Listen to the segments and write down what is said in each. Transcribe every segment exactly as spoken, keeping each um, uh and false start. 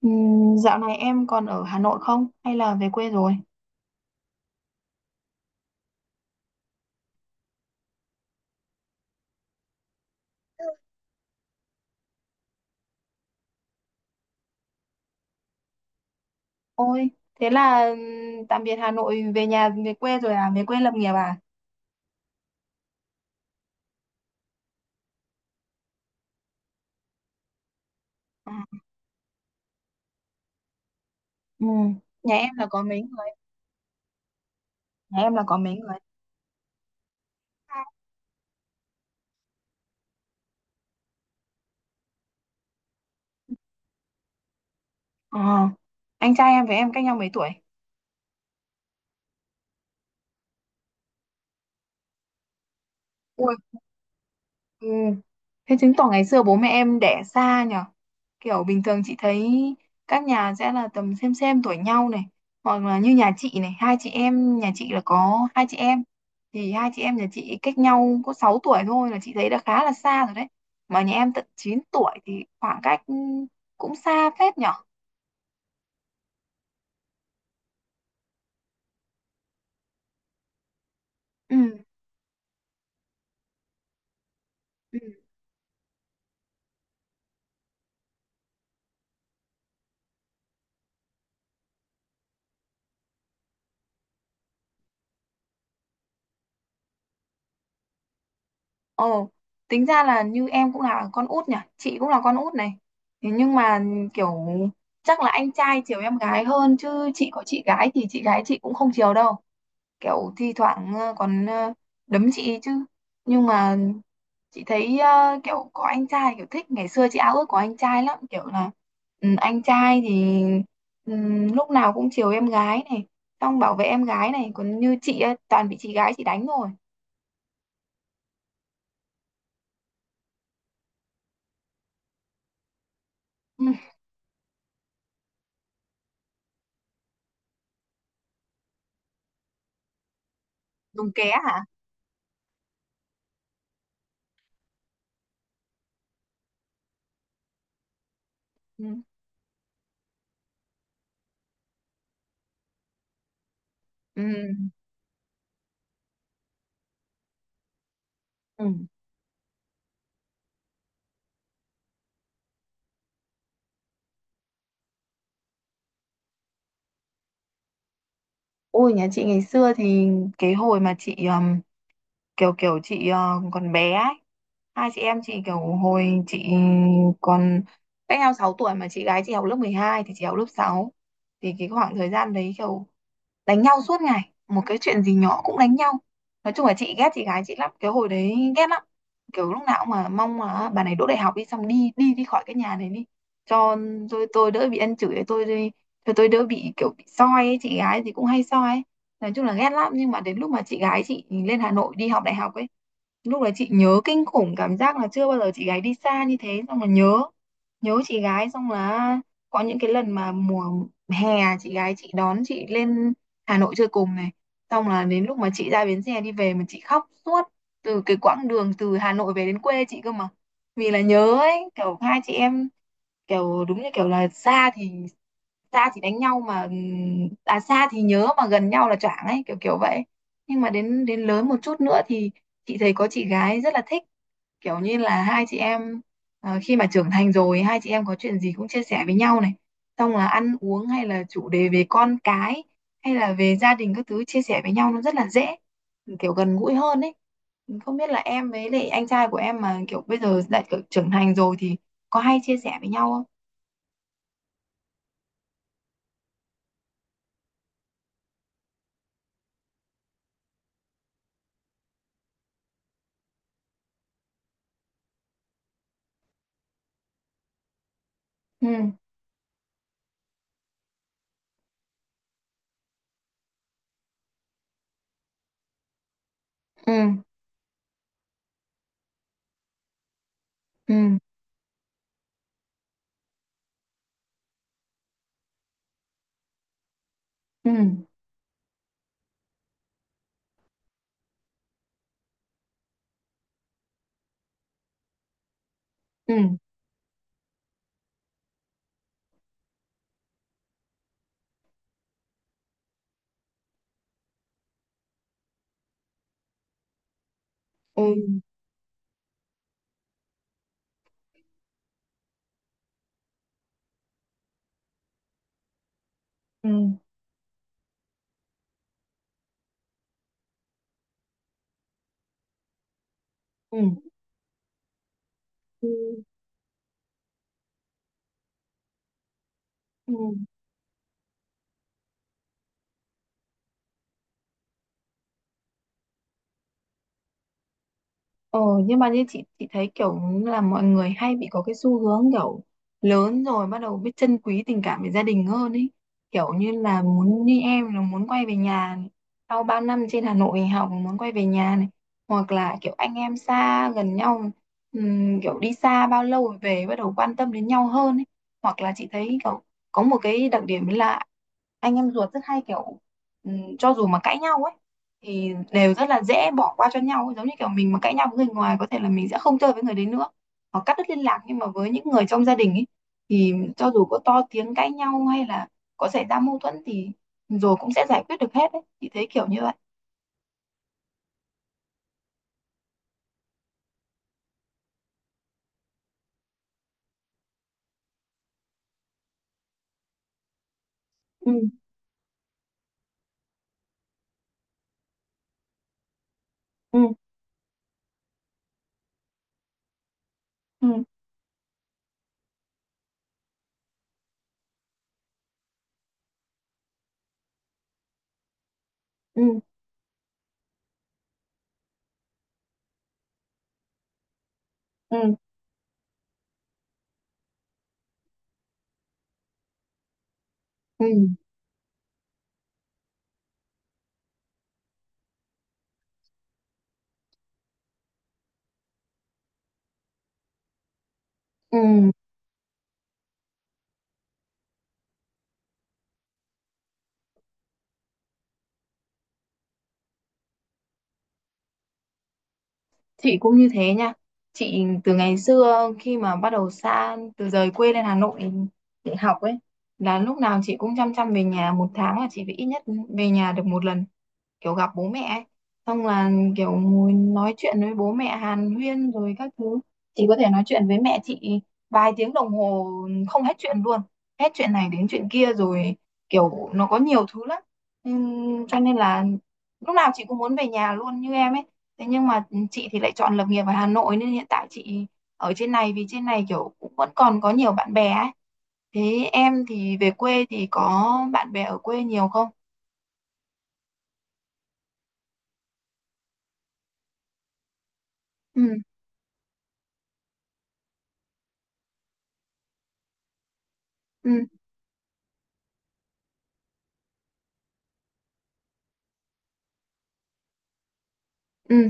Ừm, dạo này em còn ở Hà Nội không? Hay là về quê rồi? Ôi, thế là ừm, tạm biệt Hà Nội, về nhà về quê rồi à? Về quê lập nghiệp à? À, ừm, Nhà em là có mấy người? Nhà em là có mấy người? À, anh trai em với em cách nhau mấy tuổi? Ui, thế chứng tỏ ngày xưa bố mẹ em đẻ xa nhở? Kiểu bình thường chị thấy các nhà sẽ là tầm xem xem tuổi nhau này, hoặc là như nhà chị này, hai chị em, nhà chị là có hai chị em, thì hai chị em nhà chị cách nhau có sáu tuổi thôi là chị thấy đã khá là xa rồi đấy. Mà nhà em tận chín tuổi thì khoảng cách cũng xa phết nhở? Ừ. Ừ. Ồ, tính ra là như em cũng là con út nhỉ, chị cũng là con út này. Thế nhưng mà kiểu chắc là anh trai chiều em gái hơn chứ chị có chị gái thì chị gái chị cũng không chiều đâu. Kiểu thi thoảng ờ, còn ờ, đấm chị chứ. Nhưng mà chị thấy ờ, kiểu có anh trai kiểu thích, ngày xưa chị ao ước có anh trai lắm, kiểu là ừ, anh trai thì ừ, lúc nào cũng chiều em gái này, xong bảo vệ em gái này, còn như chị ấy, toàn bị chị gái chị đánh rồi. Ừ, dùng ké hả? Ừ. Ừ. Ừ. Ôi, nhà chị ngày xưa thì cái hồi mà chị um, kiểu kiểu chị uh, còn bé ấy. Hai chị em chị, kiểu hồi chị còn, cách nhau sáu tuổi mà chị gái chị học lớp mười hai thì chị học lớp sáu. Thì cái khoảng thời gian đấy kiểu đánh nhau suốt ngày, một cái chuyện gì nhỏ cũng đánh nhau. Nói chung là chị ghét chị gái chị lắm cái hồi đấy, ghét lắm, kiểu lúc nào cũng mà mong mà bà này đỗ đại học đi, xong đi đi đi khỏi cái nhà này đi cho tôi tôi đỡ bị ăn chửi, tôi đi cho tôi đỡ bị kiểu bị soi ấy. Chị gái thì cũng hay soi ấy. Nói chung là ghét lắm, nhưng mà đến lúc mà chị gái chị lên Hà Nội đi học đại học ấy, lúc đấy chị nhớ kinh khủng, cảm giác là chưa bao giờ chị gái đi xa như thế, xong là nhớ nhớ chị gái, xong là có những cái lần mà mùa hè chị gái chị đón chị lên Hà Nội chơi cùng này, xong là đến lúc mà chị ra bến xe đi về mà chị khóc suốt từ cái quãng đường từ Hà Nội về đến quê chị cơ mà, vì là nhớ ấy, kiểu hai chị em, kiểu đúng như kiểu là xa thì xa thì đánh nhau mà ừ, à xa thì nhớ mà gần nhau là choảng ấy, kiểu kiểu vậy. Nhưng mà đến đến lớn một chút nữa thì chị thấy có chị gái rất là thích, kiểu như là hai chị em ờ, khi mà trưởng thành rồi hai chị em có chuyện gì cũng chia sẻ với nhau này, xong là ăn uống hay là chủ đề về con cái hay là về gia đình các thứ chia sẻ với nhau nó rất là dễ, kiểu gần gũi hơn ấy. Không biết là em với lại anh trai của em mà kiểu bây giờ đã kiểu trưởng thành rồi thì có hay chia sẻ với nhau không. Ừ, ừ, ừ, ừ, ừ, ừ, ừ, ừ, ừ, ừ. ờ nhưng mà như chị chị thấy kiểu là mọi người hay bị có cái xu hướng kiểu lớn rồi bắt đầu biết trân quý tình cảm với gia đình hơn ấy, kiểu như là muốn như em là muốn quay về nhà này. Sau bao năm trên Hà Nội học muốn quay về nhà này, hoặc là kiểu anh em xa gần nhau, ừm, kiểu đi xa bao lâu rồi về bắt đầu quan tâm đến nhau hơn ấy. Hoặc là chị thấy kiểu có một cái đặc điểm là anh em ruột rất hay kiểu ừm, cho dù mà cãi nhau ấy thì đều rất là dễ bỏ qua cho nhau ấy. Giống như kiểu mình mà cãi nhau với người ngoài có thể là mình sẽ không chơi với người đấy nữa hoặc cắt đứt liên lạc, nhưng mà với những người trong gia đình ấy thì cho dù có to tiếng cãi nhau hay là có xảy ra mâu thuẫn thì rồi cũng sẽ giải quyết được hết ấy, chị thấy kiểu như vậy. Ừ, ừ, ừ, ừ, ừ, ừ, ừ. Chị cũng như thế nha. Chị từ ngày xưa khi mà bắt đầu xa, từ rời quê lên Hà Nội để học ấy, là lúc nào chị cũng chăm chăm về nhà. Một tháng là chị phải ít nhất về nhà được một lần, kiểu gặp bố mẹ ấy. Xong là kiểu ngồi nói chuyện với bố mẹ hàn huyên rồi các thứ. Chị có thể nói chuyện với mẹ chị vài tiếng đồng hồ không hết chuyện luôn, hết chuyện này đến chuyện kia rồi, kiểu nó có nhiều thứ lắm. Nên- cho nên là lúc nào chị cũng muốn về nhà luôn như em ấy. Thế nhưng mà chị thì lại chọn lập nghiệp ở Hà Nội nên hiện tại chị ở trên này, vì trên này kiểu cũng vẫn còn có nhiều bạn bè ấy. Thế em thì về quê thì có bạn bè ở quê nhiều không? Ừ, ừ, ừ,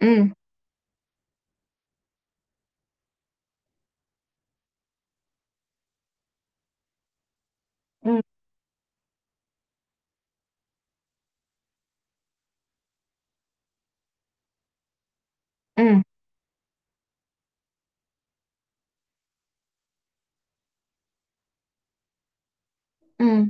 ừ, ừ, ừ, ừ.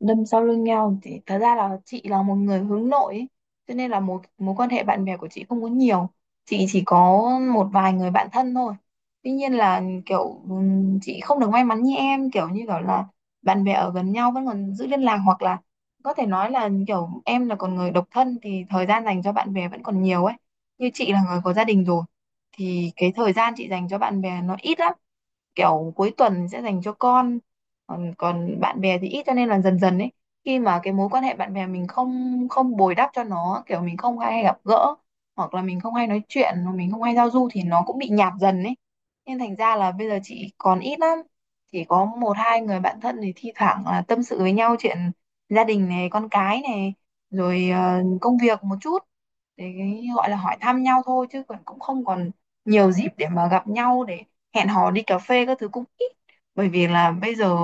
Đâm sau lưng nhau thì thật ra là chị là một người hướng nội ấy. Cho nên là mối mối quan hệ bạn bè của chị không có nhiều, chị chỉ có một vài người bạn thân thôi. Tuy nhiên là kiểu ừm, chị không được may mắn như em, kiểu như kiểu là bạn bè ở gần nhau vẫn còn giữ liên lạc, hoặc là có thể nói là kiểu em là còn người độc thân thì thời gian dành cho bạn bè vẫn còn nhiều ấy. Như chị là người có gia đình rồi thì cái thời gian chị dành cho bạn bè nó ít lắm, kiểu cuối tuần sẽ dành cho con, còn, còn bạn bè thì ít, cho nên là dần dần ấy, khi mà cái mối quan hệ bạn bè mình không không bồi đắp cho nó, kiểu mình không hay gặp gỡ hoặc là mình không hay nói chuyện hoặc mình không hay giao du thì nó cũng bị nhạt dần ấy. Nên thành ra là bây giờ chị còn ít lắm, chỉ có một hai người bạn thân thì thi thoảng là tâm sự với nhau chuyện gia đình này con cái này rồi ờ, công việc một chút, để cái gọi là hỏi thăm nhau thôi, chứ còn cũng không còn nhiều dịp để mà gặp nhau, để hẹn hò đi cà phê các thứ cũng ít. Bởi vì là bây giờ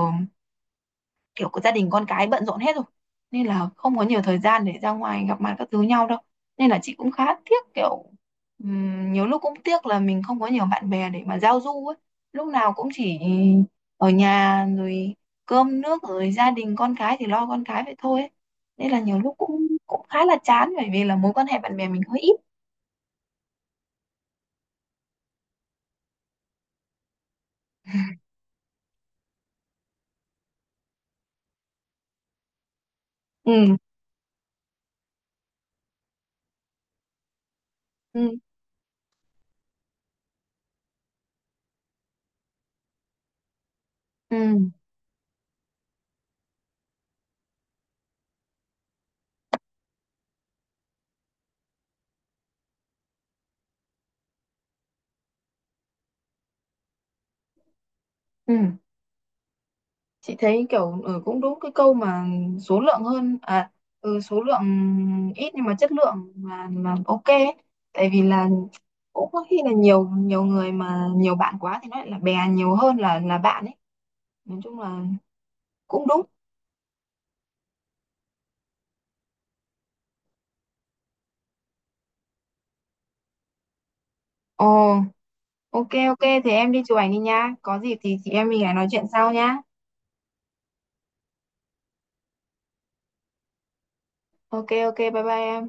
kiểu có gia đình con cái bận rộn hết rồi nên là không có nhiều thời gian để ra ngoài gặp mặt các thứ nhau đâu. Nên là chị cũng khá tiếc kiểu ừm, nhiều lúc cũng tiếc là mình không có nhiều bạn bè để mà giao du ấy. Lúc nào cũng chỉ ở nhà rồi cơm nước rồi gia đình con cái thì lo con cái vậy thôi ấy. Nên là nhiều lúc cũng cũng khá là chán bởi vì là mối quan hệ bạn bè mình hơi ít. Ừ, ừ, ừ, ừ. Chị thấy kiểu ừ, cũng đúng cái câu mà số lượng hơn à, ừ, số lượng ít nhưng mà chất lượng là là ok ấy. Tại vì là cũng có khi là nhiều nhiều người mà nhiều bạn quá thì nó lại là bè nhiều hơn là là bạn ấy, nói chung là cũng đúng. Ồ, ok ok thì em đi chụp ảnh đi nha, có gì thì chị em mình lại nói chuyện sau nhá. Ok ok, bye bye em.